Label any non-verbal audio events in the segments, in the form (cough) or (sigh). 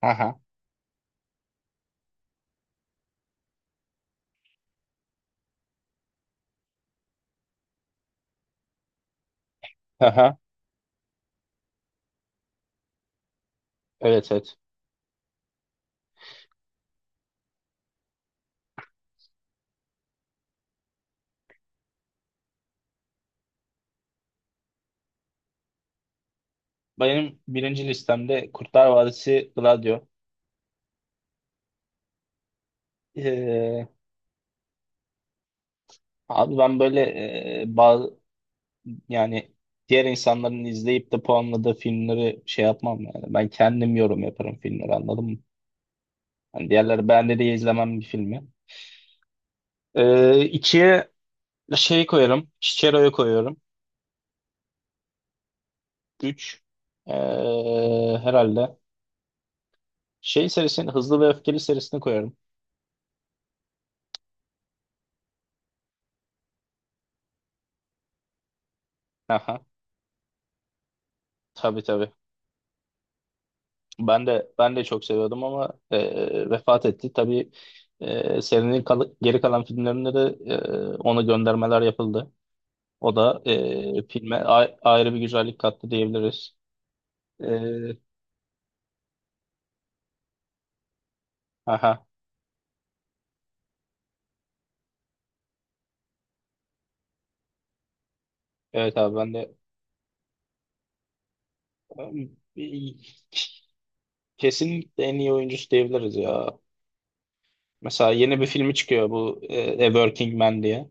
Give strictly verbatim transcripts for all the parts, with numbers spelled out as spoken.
Aha, aha. Evet, evet. Benim birinci listemde Kurtlar Vadisi Gladio. Ee, Abi ben böyle e, bazı, yani diğer insanların izleyip de puanladığı filmleri şey yapmam yani. Ben kendim yorum yaparım filmleri, anladın mı? Hani diğerleri beğendi diye izlemem bir filmi. Ee, ikiye şey koyarım. Chichero'yu koyuyorum. Üç. Ee, Herhalde. Şey serisini Hızlı ve Öfkeli serisini koyarım. Aha. Tabii, tabii. Ben de ben de çok seviyordum ama e, vefat etti. Tabii, e, serinin kal- geri kalan filmlerinde de e, ona göndermeler yapıldı. O da e, filme a- ayrı bir güzellik kattı diyebiliriz. E, aha, evet abi ben de e, kesinlikle en iyi oyuncusu diyebiliriz ya. Mesela yeni bir filmi çıkıyor, bu e, A Working Man diye.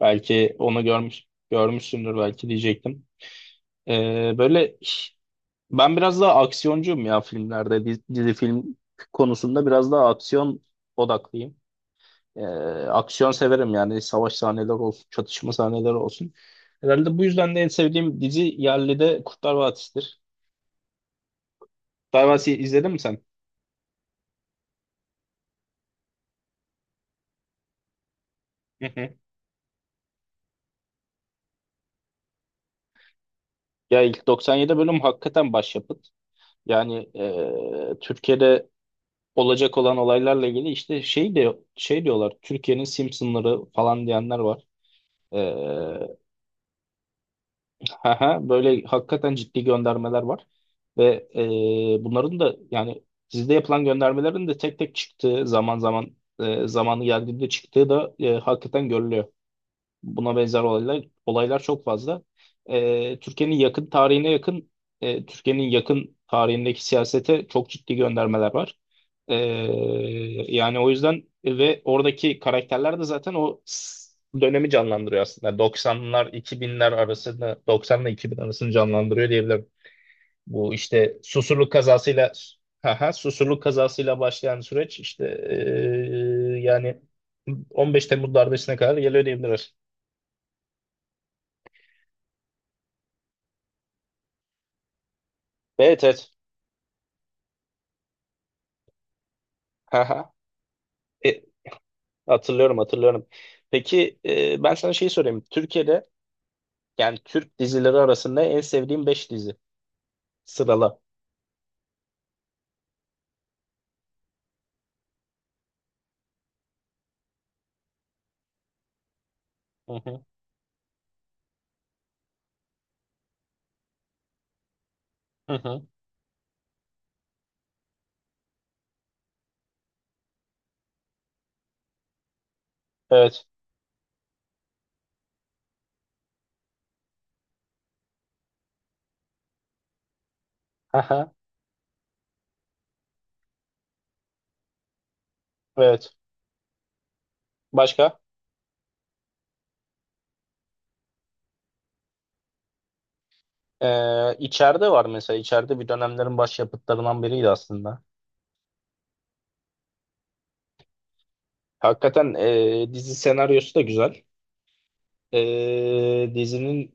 Belki onu görmüş görmüşsündür belki diyecektim. E, böyle Ben biraz daha aksiyoncuyum ya filmlerde. Dizi, dizi film konusunda biraz daha aksiyon odaklıyım. Ee, Aksiyon severim yani, savaş sahneleri olsun, çatışma sahneleri olsun. Herhalde bu yüzden de en sevdiğim dizi yerli de Kurtlar Vadisi'dir. Kurtlar Vadisi izledin mi sen? Hı hı. Ya ilk doksan yedi bölüm hakikaten başyapıt. Yani e, Türkiye'de olacak olan olaylarla ilgili işte şey de şey diyorlar. Türkiye'nin Simpsonları falan diyenler var. Ee, Aha, böyle hakikaten ciddi göndermeler var. Ve e, bunların da yani sizde yapılan göndermelerin de tek tek çıktığı, zaman zaman e, zamanı geldiğinde çıktığı da e, hakikaten görülüyor. Buna benzer olaylar olaylar çok fazla. Ee, Türkiye'nin yakın tarihine yakın e, Türkiye'nin yakın tarihindeki siyasete çok ciddi göndermeler var. Ee, Yani o yüzden, ve oradaki karakterler de zaten o s- dönemi canlandırıyor aslında. doksanlar iki binler arasını doksanla iki bin arasını canlandırıyor diyebilirim. Bu işte Susurluk kazasıyla haha, Susurluk kazasıyla başlayan süreç, işte ee, yani on beş Temmuz darbesine kadar geliyor diyebiliriz. Evet, evet. Haha. E, Hatırlıyorum, hatırlıyorum. Peki, e, ben sana şey sorayım. Türkiye'de, yani Türk dizileri arasında en sevdiğim beş dizi. Sırala. Hı hı. Hı hı. Evet. Haha. Evet. Başka? Ee, içeride var mesela. İçeride bir dönemlerin başyapıtlarından biriydi aslında. Hakikaten e, dizi senaryosu da güzel. E, dizinin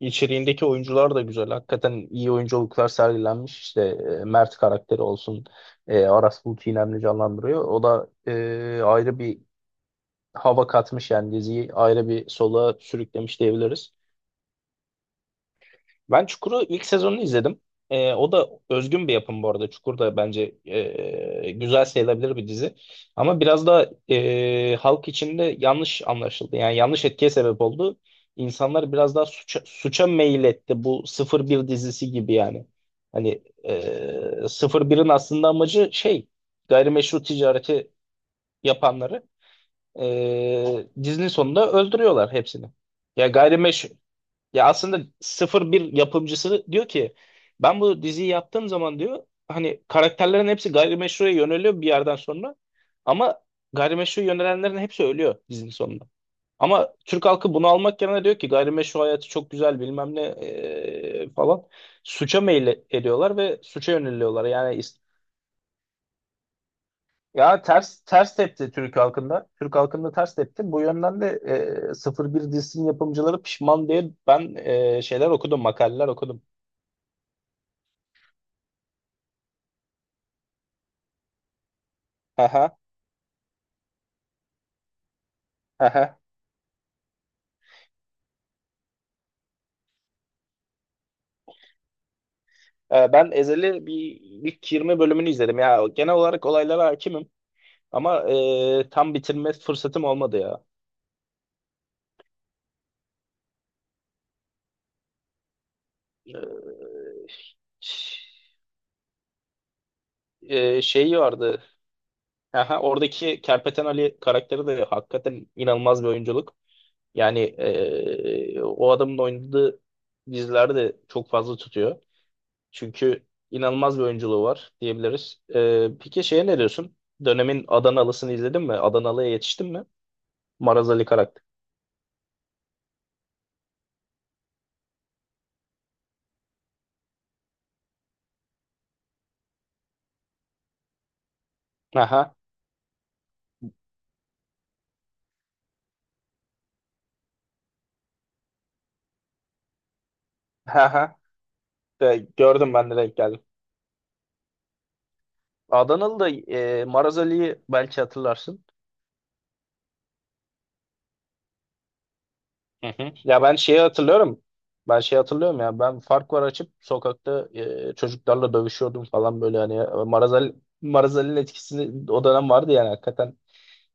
İçeriğindeki oyuncular da güzel. Hakikaten iyi oyunculuklar sergilenmiş. İşte e, Mert karakteri olsun. E, Aras Bulut İynemli canlandırıyor. O da e, ayrı bir hava katmış, yani diziyi ayrı bir sola sürüklemiş diyebiliriz. Ben Çukur'u, ilk sezonunu izledim. Ee, o da özgün bir yapım bu arada. Çukur da bence e, güzel sayılabilir bir dizi. Ama biraz da e, halk içinde yanlış anlaşıldı. Yani yanlış etkiye sebep oldu. İnsanlar biraz daha suça, suça meyil etti. Bu sıfır bir dizisi gibi yani. Hani e, sıfır birin aslında amacı şey, gayrimeşru ticareti yapanları e, dizinin sonunda öldürüyorlar hepsini. Ya gayrimeşru ya aslında sıfır bir yapımcısı diyor ki, ben bu diziyi yaptığım zaman diyor, hani karakterlerin hepsi gayrimeşruya yöneliyor bir yerden sonra, ama gayrimeşru yönelenlerin hepsi ölüyor dizinin sonunda. Ama Türk halkı bunu almak yerine diyor ki gayrimeşru hayatı çok güzel bilmem ne eee, falan, suça meyil ediyorlar ve suça yöneliyorlar. Yani is- ya ters ters tepti Türk halkında. Türk halkında ters tepti. Bu yönden de eee sıfır bir dizisinin yapımcıları pişman diye ben eee, şeyler okudum, makaleler okudum. Aha, aha. Ee, Ben Ezel'i bir, ilk yirmi bölümünü izledim ya. Genel olarak olaylara hakimim, ama e, tam bitirme fırsatım olmadı ya. Ş- E, şeyi vardı. Aha, oradaki Kerpeten Ali karakteri de hakikaten inanılmaz bir oyunculuk. Yani e, o adamın oynadığı diziler de çok fazla tutuyor. Çünkü inanılmaz bir oyunculuğu var diyebiliriz. E, peki şeye ne diyorsun? Dönemin Adanalısını izledin mi? Adanalı'ya yetiştin mi? Maraz Ali karakter. Aha. (laughs) De, gördüm, ben de denk geldim. Adanalı da e, Maraz Ali'yi belki hatırlarsın. Hı hı. Ya ben şeyi hatırlıyorum. Ben şeyi hatırlıyorum ya. Ben fark var açıp sokakta e, çocuklarla dövüşüyordum falan, böyle hani Maraz Ali, Maraz Ali'nin etkisini o dönem vardı yani, hakikaten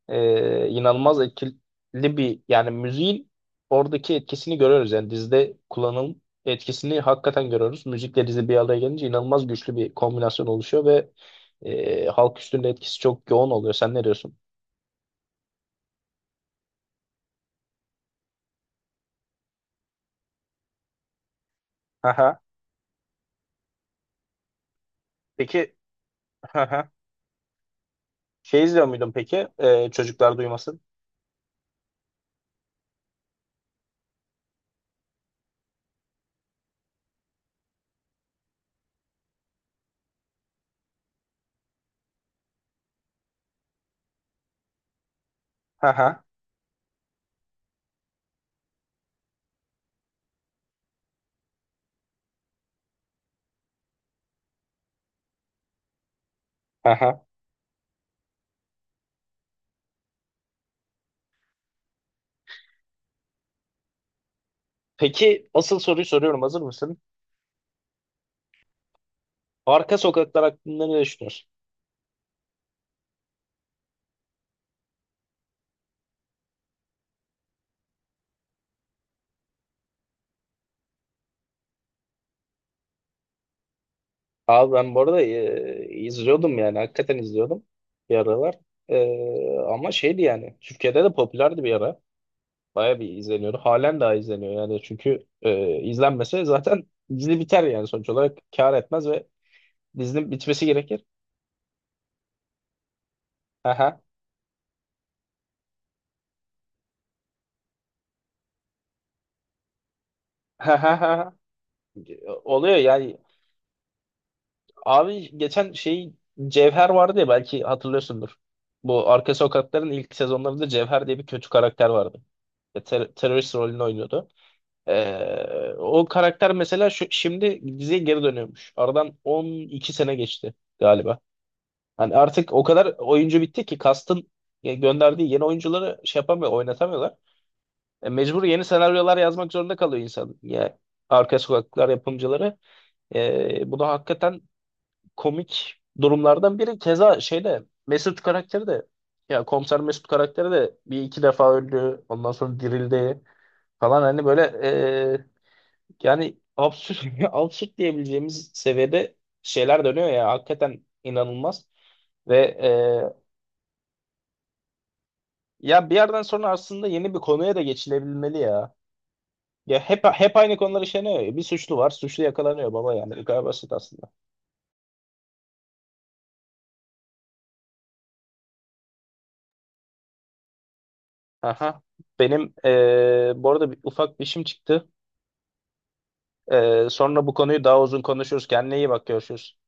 e, inanılmaz etkili bir yani müziğin oradaki etkisini görüyoruz, yani dizide kullanım etkisini hakikaten görüyoruz. Müzikle dizi bir araya gelince inanılmaz güçlü bir kombinasyon oluşuyor ve e, halk üstünde etkisi çok yoğun oluyor. Sen ne diyorsun? Aha. Peki, aha. Şey izliyor muydun peki? Ee, çocuklar duymasın. Aha. Aha. Peki, asıl soruyu soruyorum. Hazır mısın? Arka sokaklar hakkında ne düşünüyorsun? Abi, ben bu arada e, izliyordum yani. Hakikaten izliyordum bir aralar. Ee, ama şeydi yani. Türkiye'de de popülerdi bir ara. Baya bir izleniyordu. Halen daha izleniyor yani. Çünkü e, izlenmese zaten dizi biter yani, sonuç olarak. Kar etmez ve dizinin bitmesi gerekir. Aha. (laughs) Oluyor ya. Abi geçen şey, Cevher vardı ya, belki hatırlıyorsundur. Bu Arka Sokaklar'ın ilk sezonlarında Cevher diye bir kötü karakter vardı. Ya ter- terörist rolünü oynuyordu. Ee, o karakter mesela şu, şimdi diziye geri dönüyormuş. Aradan on iki sene geçti galiba. Hani artık o kadar oyuncu bitti ki kastın ya gönderdiği yeni oyuncuları şey yapamıyor, oynatamıyorlar. E, mecbur yeni senaryolar yazmak zorunda kalıyor insan. Yani Arka Sokaklar yapımcıları. E, bunu hakikaten komik durumlardan biri. Keza şeyde Mesut karakteri de, ya komiser Mesut karakteri de bir iki defa öldü. Ondan sonra dirildi falan, hani böyle e, yani absürt (laughs) absürt diyebileceğimiz seviyede şeyler dönüyor ya, hakikaten inanılmaz. Ve e, ya bir yerden sonra aslında yeni bir konuya da geçilebilmeli ya. Ya hep hep aynı konular işleniyor ya. Bir suçlu var, suçlu yakalanıyor baba yani. Bu kadar basit aslında. Aha. Benim e, bu arada bir, ufak bir işim çıktı. Ee, sonra bu konuyu daha uzun konuşuruz. Kendine iyi bak, görüşürüz.